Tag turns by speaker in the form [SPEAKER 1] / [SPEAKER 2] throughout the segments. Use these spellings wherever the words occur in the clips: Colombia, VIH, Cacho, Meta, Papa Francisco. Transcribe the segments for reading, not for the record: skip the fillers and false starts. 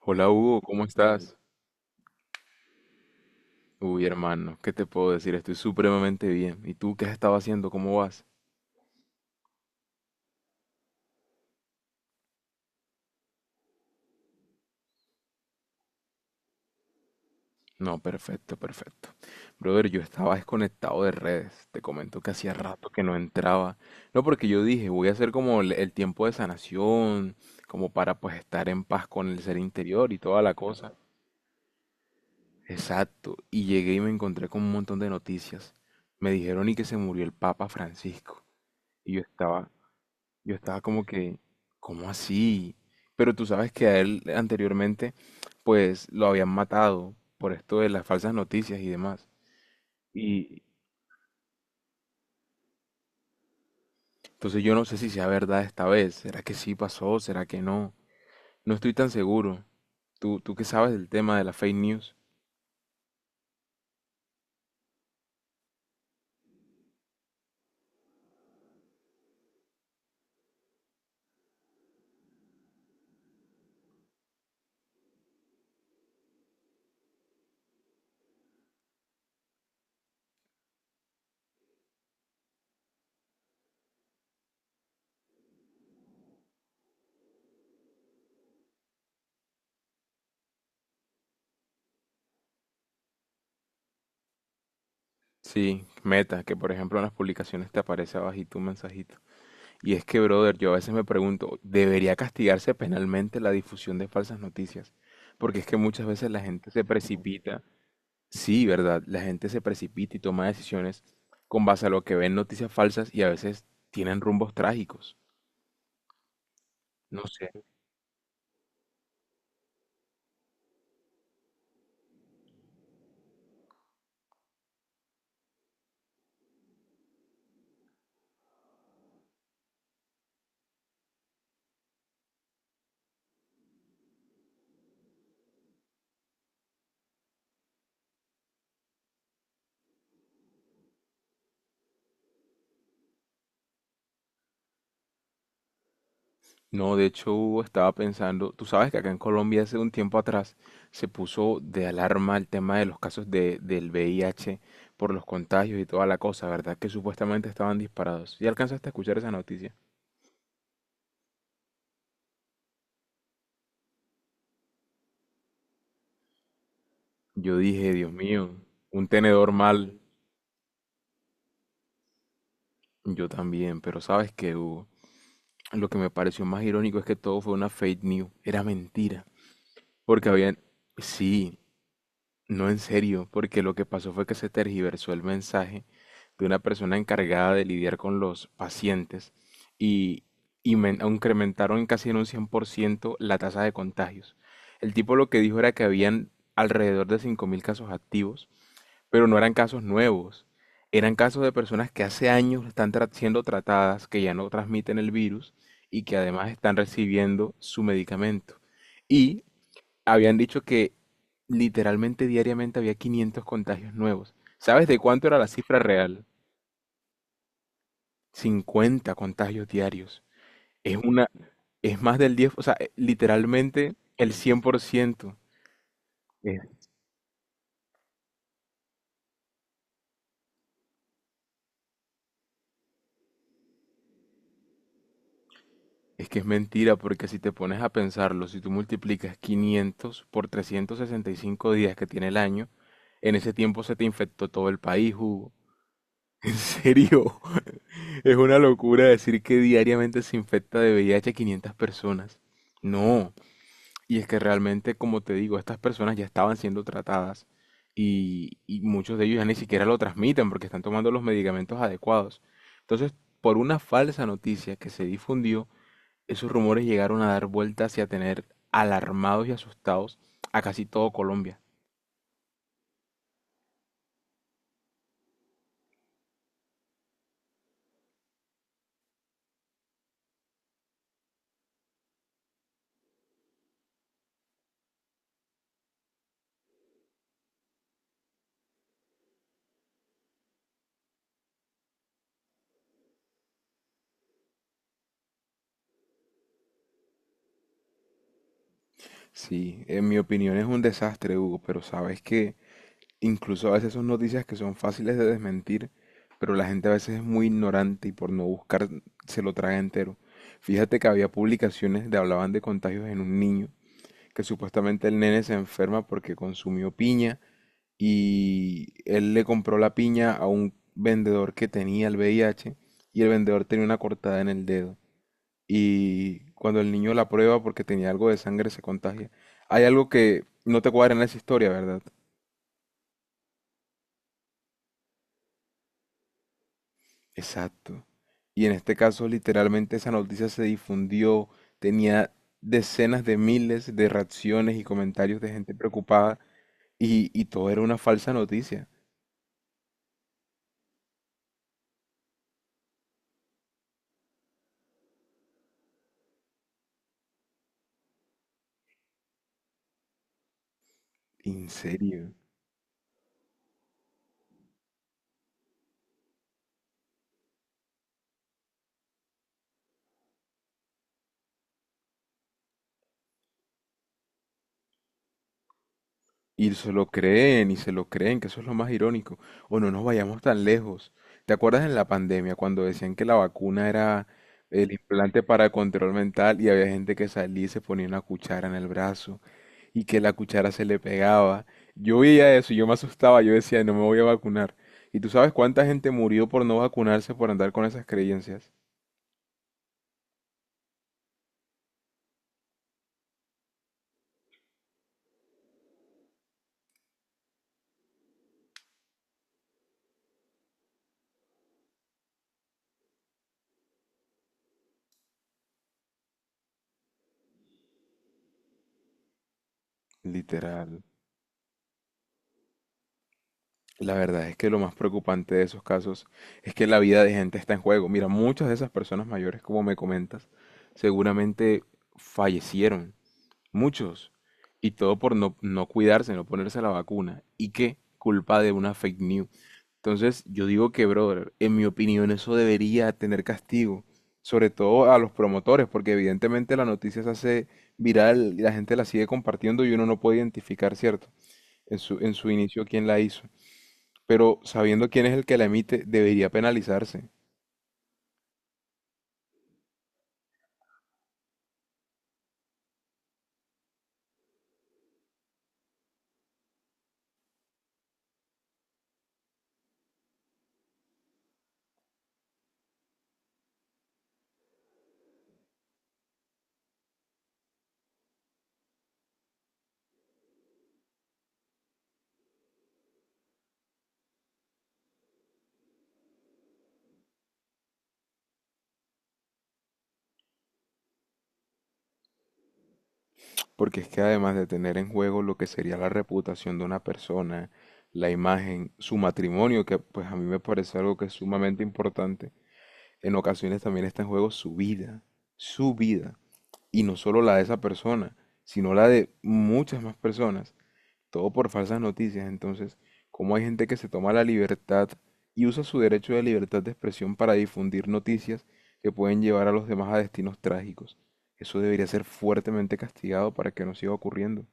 [SPEAKER 1] Hola Hugo, ¿cómo estás? Uy, hermano, ¿qué te puedo decir? Estoy supremamente bien. ¿Y tú qué has estado haciendo? ¿Cómo vas? No, perfecto, perfecto. Brother, yo estaba desconectado de redes. Te comento que hacía rato que no entraba. No, porque yo dije, voy a hacer como el tiempo de sanación, como para pues estar en paz con el ser interior y toda la cosa. Exacto. Y llegué y me encontré con un montón de noticias. Me dijeron y que se murió el Papa Francisco. Y yo estaba, Yo estaba como que, ¿cómo así? Pero tú sabes que a él anteriormente, pues lo habían matado por esto de las falsas noticias y demás. Y entonces yo no sé si sea verdad esta vez. ¿Será que sí pasó? ¿Será que no? No estoy tan seguro. ¿Tú qué sabes del tema de la fake news? Sí, Meta, que por ejemplo en las publicaciones te aparece abajito un mensajito. Y es que, brother, yo a veces me pregunto, ¿debería castigarse penalmente la difusión de falsas noticias? Porque es que muchas veces la gente se precipita. Sí, verdad. La gente se precipita y toma decisiones con base a lo que ven noticias falsas y a veces tienen rumbos trágicos. No sé. No, de hecho estaba pensando, tú sabes que acá en Colombia hace un tiempo atrás se puso de alarma el tema de los casos de, del VIH por los contagios y toda la cosa, ¿verdad? Que supuestamente estaban disparados. ¿Y alcanzaste a escuchar esa noticia? Yo dije, Dios mío, un tenedor mal. Yo también, pero ¿sabes qué, Hugo? Lo que me pareció más irónico es que todo fue una fake news. Era mentira. Porque habían... Sí, no en serio, porque lo que pasó fue que se tergiversó el mensaje de una persona encargada de lidiar con los pacientes y, incrementaron casi en un 100% la tasa de contagios. El tipo lo que dijo era que habían alrededor de 5.000 casos activos, pero no eran casos nuevos. Eran casos de personas que hace años están siendo tratadas, que ya no transmiten el virus y que además están recibiendo su medicamento. Y habían dicho que literalmente diariamente había 500 contagios nuevos. ¿Sabes de cuánto era la cifra real? 50 contagios diarios. Es una, es más del 10, o sea, literalmente el 100%. Es, es que es mentira, porque si te pones a pensarlo, si tú multiplicas 500 por 365 días que tiene el año, en ese tiempo se te infectó todo el país, Hugo. En serio, es una locura decir que diariamente se infecta de VIH a 500 personas. No, y es que realmente, como te digo, estas personas ya estaban siendo tratadas y muchos de ellos ya ni siquiera lo transmiten porque están tomando los medicamentos adecuados. Entonces, por una falsa noticia que se difundió, esos rumores llegaron a dar vueltas y a tener alarmados y asustados a casi todo Colombia. Sí, en mi opinión es un desastre, Hugo, pero sabes que incluso a veces son noticias que son fáciles de desmentir, pero la gente a veces es muy ignorante y por no buscar se lo traga entero. Fíjate que había publicaciones de hablaban de contagios en un niño, que supuestamente el nene se enferma porque consumió piña y él le compró la piña a un vendedor que tenía el VIH y el vendedor tenía una cortada en el dedo. Y cuando el niño la prueba porque tenía algo de sangre se contagia. Hay algo que no te cuadra en esa historia, ¿verdad? Exacto. Y en este caso, literalmente esa noticia se difundió, tenía decenas de miles de reacciones y comentarios de gente preocupada y todo era una falsa noticia. En serio. Y se lo creen, y se lo creen, que eso es lo más irónico. O no nos vayamos tan lejos. ¿Te acuerdas en la pandemia cuando decían que la vacuna era el implante para control mental y había gente que salía y se ponía una cuchara en el brazo y que la cuchara se le pegaba? Yo veía eso y yo me asustaba, yo decía, no me voy a vacunar. ¿Y tú sabes cuánta gente murió por no vacunarse, por andar con esas creencias? Literal. La verdad es que lo más preocupante de esos casos es que la vida de gente está en juego. Mira, muchas de esas personas mayores, como me comentas, seguramente fallecieron, muchos, y todo por no cuidarse, no ponerse la vacuna. ¿Y qué? Culpa de una fake news. Entonces, yo digo que, brother, en mi opinión eso debería tener castigo, sobre todo a los promotores, porque evidentemente la noticia se hace viral y la gente la sigue compartiendo y uno no puede identificar, ¿cierto? En su inicio, quién la hizo. Pero sabiendo quién es el que la emite, debería penalizarse, porque es que además de tener en juego lo que sería la reputación de una persona, la imagen, su matrimonio, que pues a mí me parece algo que es sumamente importante, en ocasiones también está en juego su vida, y no solo la de esa persona, sino la de muchas más personas. Todo por falsas noticias. Entonces, ¿cómo hay gente que se toma la libertad y usa su derecho de libertad de expresión para difundir noticias que pueden llevar a los demás a destinos trágicos? Eso debería ser fuertemente castigado para que no siga ocurriendo.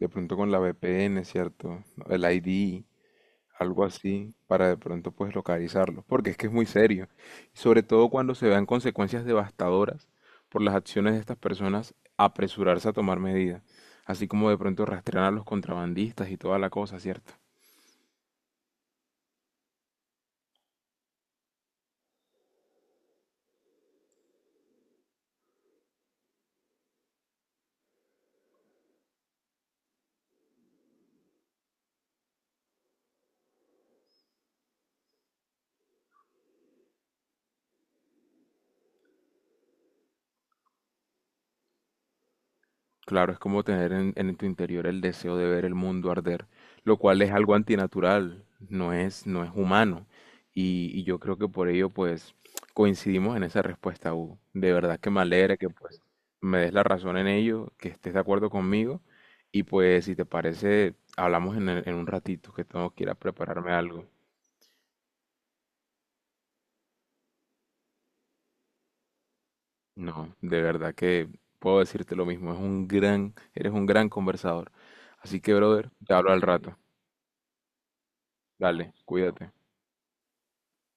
[SPEAKER 1] De pronto con la VPN, ¿cierto? El ID, algo así, para de pronto pues localizarlo, porque es que es muy serio, y sobre todo cuando se vean consecuencias devastadoras por las acciones de estas personas, apresurarse a tomar medidas, así como de pronto rastrear a los contrabandistas y toda la cosa, ¿cierto? Claro, es como tener en tu interior el deseo de ver el mundo arder, lo cual es algo antinatural, no es humano. Y yo creo que por ello, pues, coincidimos en esa respuesta, Hugo. De verdad que me alegra que, pues, me des la razón en ello, que estés de acuerdo conmigo. Y pues, si te parece, hablamos en un ratito, que tengo que ir a prepararme algo. No, de verdad que puedo decirte lo mismo, es un eres un gran conversador. Así que, brother, te hablo al rato. Dale, cuídate.